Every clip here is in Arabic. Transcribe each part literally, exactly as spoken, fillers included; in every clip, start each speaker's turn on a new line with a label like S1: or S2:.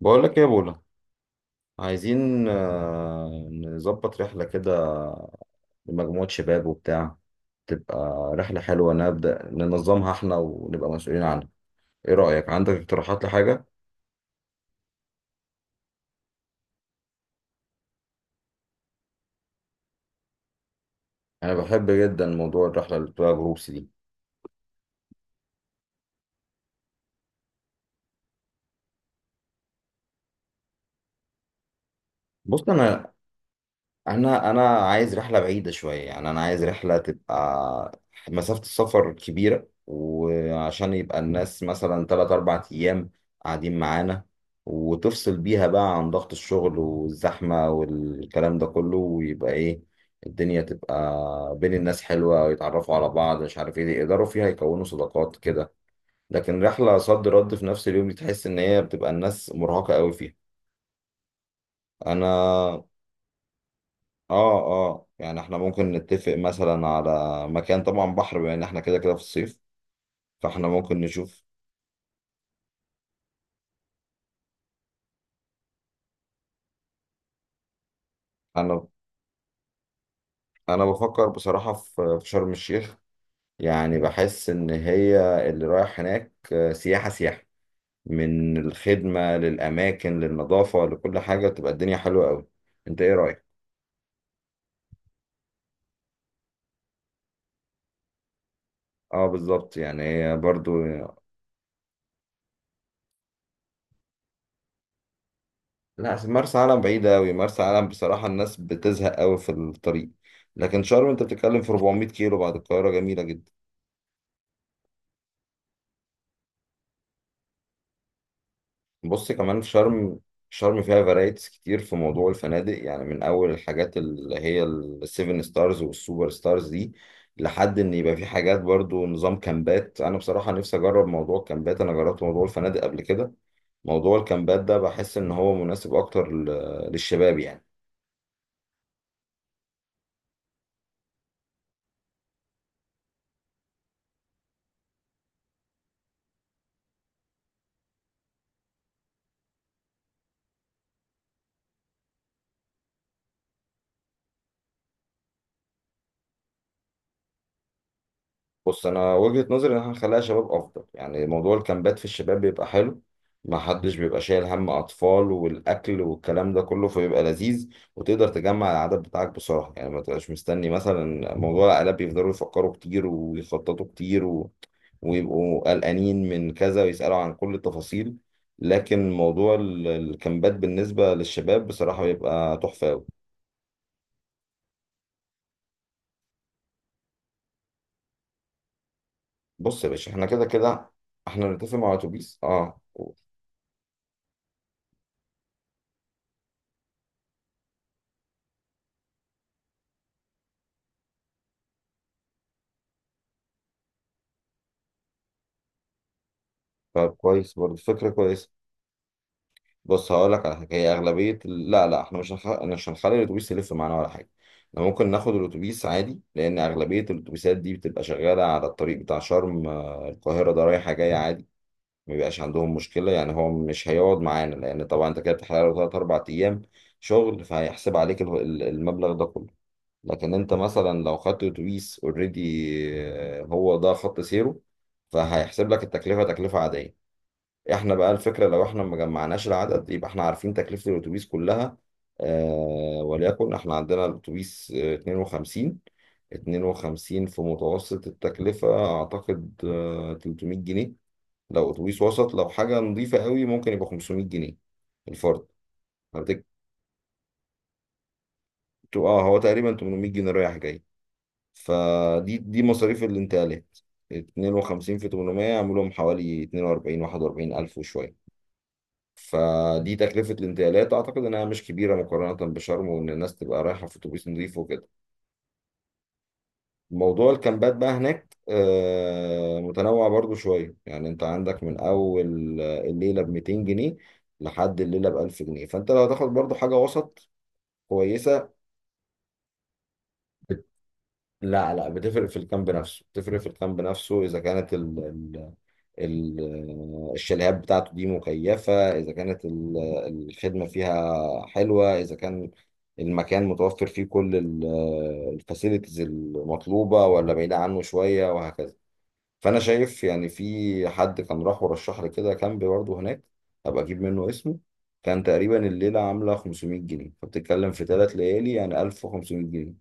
S1: بقول لك ايه يا بولا؟ عايزين آه، نظبط رحلة كده لمجموعة شباب وبتاع. تبقى رحلة حلوة نبدأ ننظمها احنا ونبقى مسؤولين عنها. ايه رأيك؟ عندك اقتراحات لحاجة؟ انا بحب جدا موضوع الرحلة اللي بتبقى جروبس دي. بص انا انا انا عايز رحله بعيده شويه، يعني انا عايز رحله تبقى مسافه السفر كبيره، وعشان يبقى الناس مثلا ثلاثة أربعة ايام قاعدين معانا، وتفصل بيها بقى عن ضغط الشغل والزحمه والكلام ده كله، ويبقى ايه، الدنيا تبقى بين الناس حلوه ويتعرفوا على بعض، مش عارف ايه، يقدروا فيها يكونوا صداقات كده. لكن رحله صد رد في نفس اليوم دي تحس ان هي بتبقى الناس مرهقه قوي فيها. انا، اه، اه، يعني احنا ممكن نتفق مثلا على مكان، طبعا بحر بما ان احنا كده كده في الصيف، فاحنا ممكن نشوف. انا انا بفكر بصراحة في في شرم الشيخ، يعني بحس ان هي اللي رايح هناك، آه، سياحة سياحة، من الخدمة للأماكن للنظافة لكل حاجة بتبقى الدنيا حلوة أوي. أنت إيه رأيك؟ أه بالظبط، يعني هي برضو، لا، أصل مرسى علم بعيدة أوي، مرسى علم بصراحة الناس بتزهق أوي في الطريق. لكن شرم أنت بتتكلم في 400 كيلو بعد القاهرة، جميلة جدا. بصي، كمان في شرم، شرم فيها فرايتيز كتير في موضوع الفنادق، يعني من اول الحاجات اللي هي السيفن ستارز والسوبر ستارز دي لحد ان يبقى في حاجات برضو نظام كامبات. انا بصراحة نفسي اجرب موضوع الكامبات، انا جربت موضوع الفنادق قبل كده. موضوع الكامبات ده بحس ان هو مناسب اكتر ل- للشباب يعني. بص، انا وجهة نظري ان احنا نخليها شباب افضل، يعني موضوع الكامبات في الشباب بيبقى حلو، ما حدش بيبقى شايل هم اطفال والاكل والكلام ده كله، فبيبقى لذيذ. وتقدر تجمع العدد بتاعك بسرعة، يعني ما تبقاش مستني، مثلا موضوع العائلات بيفضلوا يفكروا كتير ويخططوا كتير و... ويبقوا قلقانين من كذا ويسألوا عن كل التفاصيل. لكن موضوع ال- الكامبات بالنسبة للشباب بصراحة بيبقى تحفة أوي. بص يا باشا، احنا كده كده احنا نتفق مع اتوبيس، اه. طب كويس، برضه فكرة كويسة. بص هقول لك على حاجة، هي أغلبية ال- لا لا، احنا مش هنخ... مش هنخلي الأتوبيس يلف معانا ولا حاجة. احنا ممكن ناخد الأتوبيس عادي لأن أغلبية الأتوبيسات دي بتبقى شغالة على الطريق بتاع شرم، آه، القاهرة، ده رايحة جاية عادي، ما بيبقاش عندهم مشكلة. يعني هو مش هيقعد معانا لأن طبعا أنت كده بتحرق له تلات أربع أيام شغل، فهيحسب عليك ال- ال- المبلغ ده كله. لكن أنت مثلا لو خدت أتوبيس أوريدي، هو ده خط سيره، فهيحسب لك التكلفة تكلفة عادية. احنا بقى الفكرة لو احنا ما جمعناش العدد يبقى احنا عارفين تكلفة الأتوبيس كلها. آه، وليكن احنا عندنا الأتوبيس، آه، اتنين وخمسين، اتنين وخمسين في متوسط التكلفة أعتقد آه تلتمية جنيه، لو أتوبيس وسط. لو حاجة نظيفة قوي ممكن يبقى خمسمائة جنيه الفرد. هتك- اه، هو تقريبا تمنمية جنيه رايح جاي، فدي دي مصاريف الانتقالات. اتنين وخمسين في تمنمية يعملهم حوالي اتنين وأربعين واحد وأربعين ألف وشوية. فدي تكلفة الانتقالات، أعتقد إنها مش كبيرة مقارنة بشرم، وإن الناس تبقى رايحة في أتوبيس نظيف وكده. موضوع الكامبات بقى هناك آه، متنوع برضو شوية، يعني أنت عندك من أول آه، الليلة ب مئتين جنيه لحد الليلة ب ألف جنيه، فأنت لو هتاخد برضو حاجة وسط كويسة. بت... لا لا، بتفرق في الكامب نفسه، بتفرق في الكامب نفسه، إذا كانت ال- الشاليهات بتاعته دي مكيفة، إذا كانت ال- الخدمة فيها حلوة، إذا كان المكان متوفر فيه كل الفاسيلتيز المطلوبة ولا بعيدة عنه شوية وهكذا. فأنا شايف يعني، في حد كان راح ورشح لي كده كامب برضه هناك، هبقى أجيب منه اسمه. كان تقريبا الليلة عاملة خمسمائة جنيه، فبتتكلم في تلات ليالي يعني ألف وخمسمائة جنيه.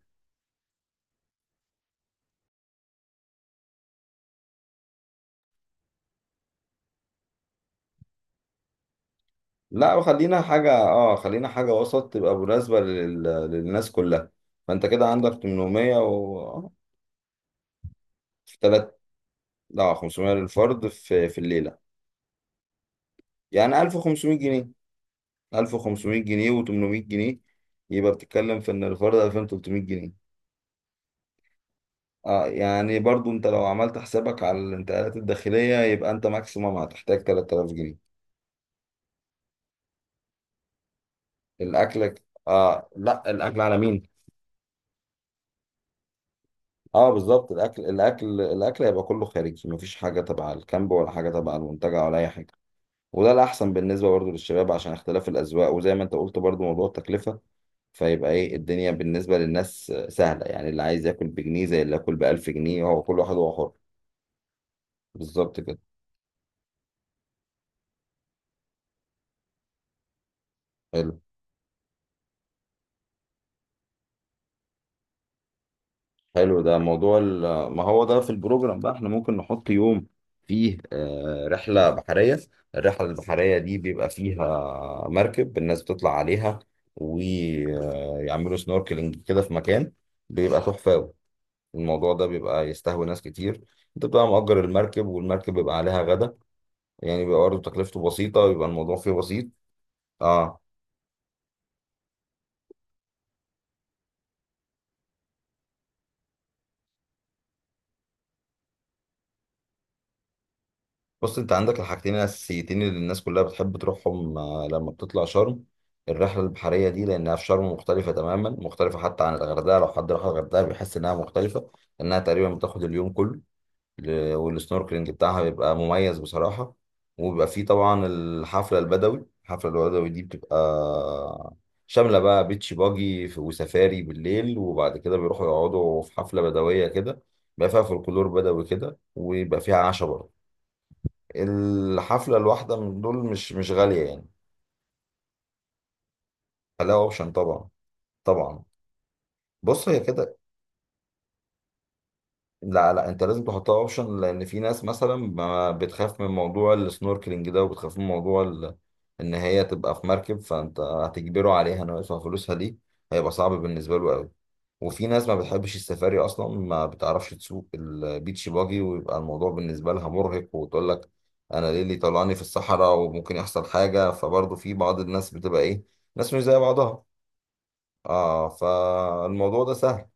S1: لا، وخلينا حاجة، اه، خلينا حاجة وسط تبقى مناسبة لل... للناس كلها. فانت كده عندك تمنمية و آه، في تلات، لا، خمسمائة للفرد في في الليلة، يعني ألف وخمسمية جنيه، ألف وخمسمائة جنيه و800 جنيه، يبقى بتتكلم في ان الفرد ألفين وتلتمية جنيه. اه، يعني برضو انت لو عملت حسابك على الانتقالات الداخلية يبقى انت ماكسيمم هتحتاج تلت تلاف جنيه. الاكلك، اه، لا، الاكل على مين؟ اه بالظبط، الاكل الاكل الاكل هيبقى كله خارجي، مفيش حاجه تبع الكامب ولا حاجه تبع المنتجع ولا اي حاجه، وده الاحسن بالنسبه برضو للشباب عشان اختلاف الاذواق، وزي ما انت قلت برضو موضوع التكلفه، فيبقى ايه، الدنيا بالنسبه للناس سهله، يعني اللي عايز ياكل بجنيه زي اللي ياكل بألف جنيه، هو كل واحد هو حر. بالظبط كده. حلو، حلو ده موضوع ال- ما هو ده في البروجرام، بقى احنا ممكن نحط يوم فيه آه، رحلة بحرية. الرحلة البحرية دي بيبقى فيها مركب الناس بتطلع عليها ويعملوا سنوركلينج كده في مكان، بيبقى تحفة أوي. الموضوع ده بيبقى يستهوي ناس كتير، انت بتبقى مأجر المركب والمركب بيبقى عليها غدا، يعني بيبقى برضه تكلفته بسيطة ويبقى الموضوع فيه بسيط. اه، بص انت عندك الحاجتين الاساسيتين اللي الناس كلها بتحب تروحهم، آه، لما بتطلع شرم. الرحله البحريه دي لانها في شرم مختلفه تماما، مختلفه حتى عن الغردقه، لو حد راح الغردقه بيحس انها مختلفه، لانها تقريبا بتاخد اليوم كله. ل- والسنوركلينج بتاعها بيبقى مميز بصراحه. وبيبقى فيه طبعا الحفله البدوي. الحفله البدوي دي بتبقى شامله بقى بيتش باجي في- وسفاري بالليل، وبعد كده بيروحوا يقعدوا في حفله بدويه كده، بيبقى فيها فولكلور بدوي كده ويبقى فيها عشاء برضه. الحفلة الواحدة من دول مش مش غالية يعني. خليها اوبشن طبعا، طبعا. بص هي كده، لا لا، انت لازم تحطها اوبشن لان في ناس مثلا ما- بتخاف من موضوع السنوركلينج ده، وبتخاف من موضوع ال- ان هي تبقى في مركب، فانت هتجبره عليها انه يدفع فلوسها دي، هيبقى صعب بالنسبه له قوي. وفي ناس ما بتحبش السفاري اصلا، ما بتعرفش تسوق البيتش باجي، ويبقى الموضوع بالنسبه لها مرهق، وتقول لك انا ليه اللي طلعني في الصحراء وممكن يحصل حاجه، فبرضه في بعض الناس بتبقى ايه، ناس مش زي بعضها. اه، فالموضوع ده سهل.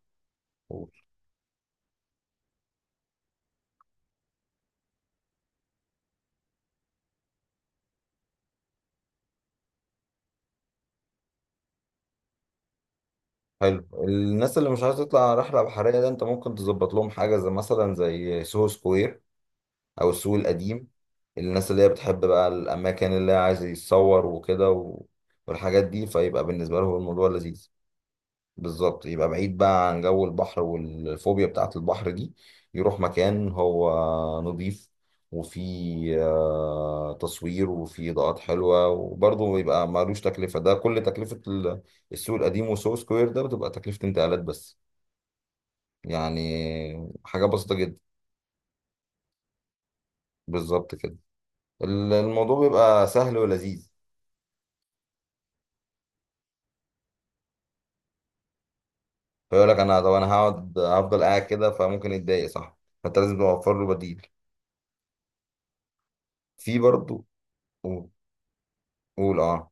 S1: حلو، الناس اللي مش عايزه تطلع رحله بحريه ده انت ممكن تظبط لهم حاجه زي، مثلا، زي سوهو سكوير او السوق القديم، الناس اللي هي بتحب بقى الاماكن اللي هي عايز يتصور وكده و... والحاجات دي، فيبقى بالنسبه لهم الموضوع لذيذ. بالظبط يبقى بعيد بقى عن جو البحر والفوبيا بتاعت البحر دي، يروح مكان هو نظيف وفيه آه، تصوير وفيه إضاءات حلوة، وبرضه يبقى مالوش تكلفة، ده كل تكلفة ال- السوق القديم وسو سكوير ده بتبقى تكلفة انتقالات بس، يعني حاجة بسيطة جدا. بالظبط كده. ال- الموضوع بيبقى سهل ولذيذ. فيقول لك أنا، طب أنا هقعد، هفضل قاعد كده، فممكن يتضايق، صح؟ فأنت لازم توفر له بديل. في برضه، قول، قول، اه.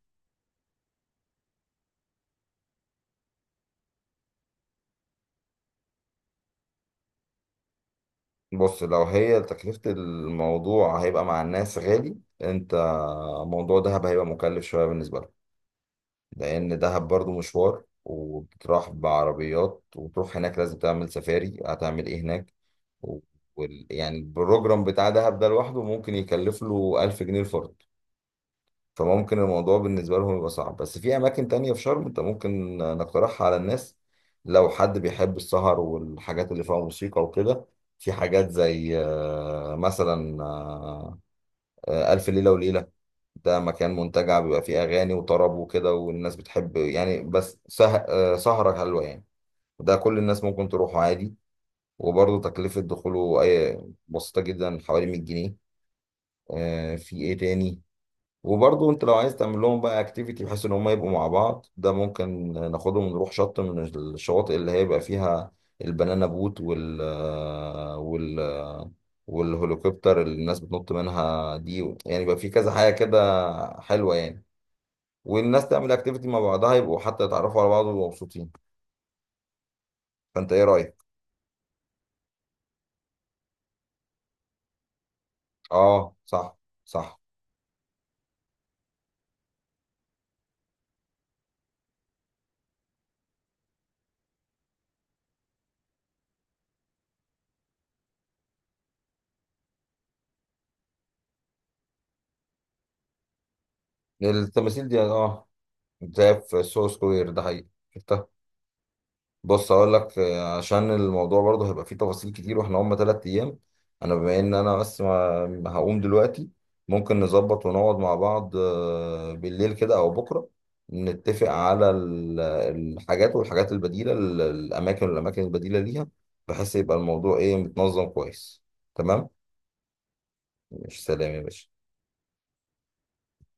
S1: بص لو هي تكلفة الموضوع هيبقى مع الناس غالي. انت موضوع دهب هيبقى مكلف شوية بالنسبة لك، لأن دهب برضو مشوار، وبتروح بعربيات وتروح هناك لازم تعمل سفاري، هتعمل ايه هناك، و... وال... يعني البروجرام بتاع دهب ده لوحده ممكن يكلف له ألف جنيه الفرد. فممكن الموضوع بالنسبة لهم يبقى صعب، بس في أماكن تانية في شرم أنت ممكن نقترحها على الناس. لو حد بيحب السهر والحاجات اللي فيها موسيقى وكده، في حاجات زي، آه، مثلا آه، آه، ألف ليلة وليلة، ده مكان منتجع بيبقى فيه أغاني وطرب وكده والناس بتحب يعني، بس سه- آه، سهرة حلوة يعني. ده كل الناس ممكن تروحه عادي، وبرضه تكلفة دخوله أي بسيطة جدا، حوالي مية جنيه. آه، في إيه تاني. وبرضه انت لو عايز تعمل لهم بقى اكتيفيتي بحيث ان هم يبقوا مع بعض، ده ممكن ناخدهم ونروح شط من الشواطئ اللي هيبقى فيها البنانا بوت، وال وال والهليكوبتر اللي الناس بتنط منها دي، يعني يبقى في كذا حاجة كده حلوة يعني، والناس تعمل اكتيفيتي مع بعضها يبقوا حتى يتعرفوا على بعض ويبقوا مبسوطين. فانت ايه رأيك؟ اه صح، صح، التماثيل دي، اه، زي في سو سكوير ده، حقيقي شفتها. بص اقول لك آه، عشان الموضوع برضه هيبقى فيه تفاصيل كتير واحنا هم تلات ايام، انا بما ان انا بس ما- هقوم دلوقتي، ممكن نظبط ونقعد مع بعض آه، بالليل كده او بكره، نتفق على ال- الحاجات والحاجات البديله، ال- الاماكن والاماكن البديله ليها، بحيث يبقى الموضوع ايه، متنظم كويس. تمام. مش سلام يا باشا.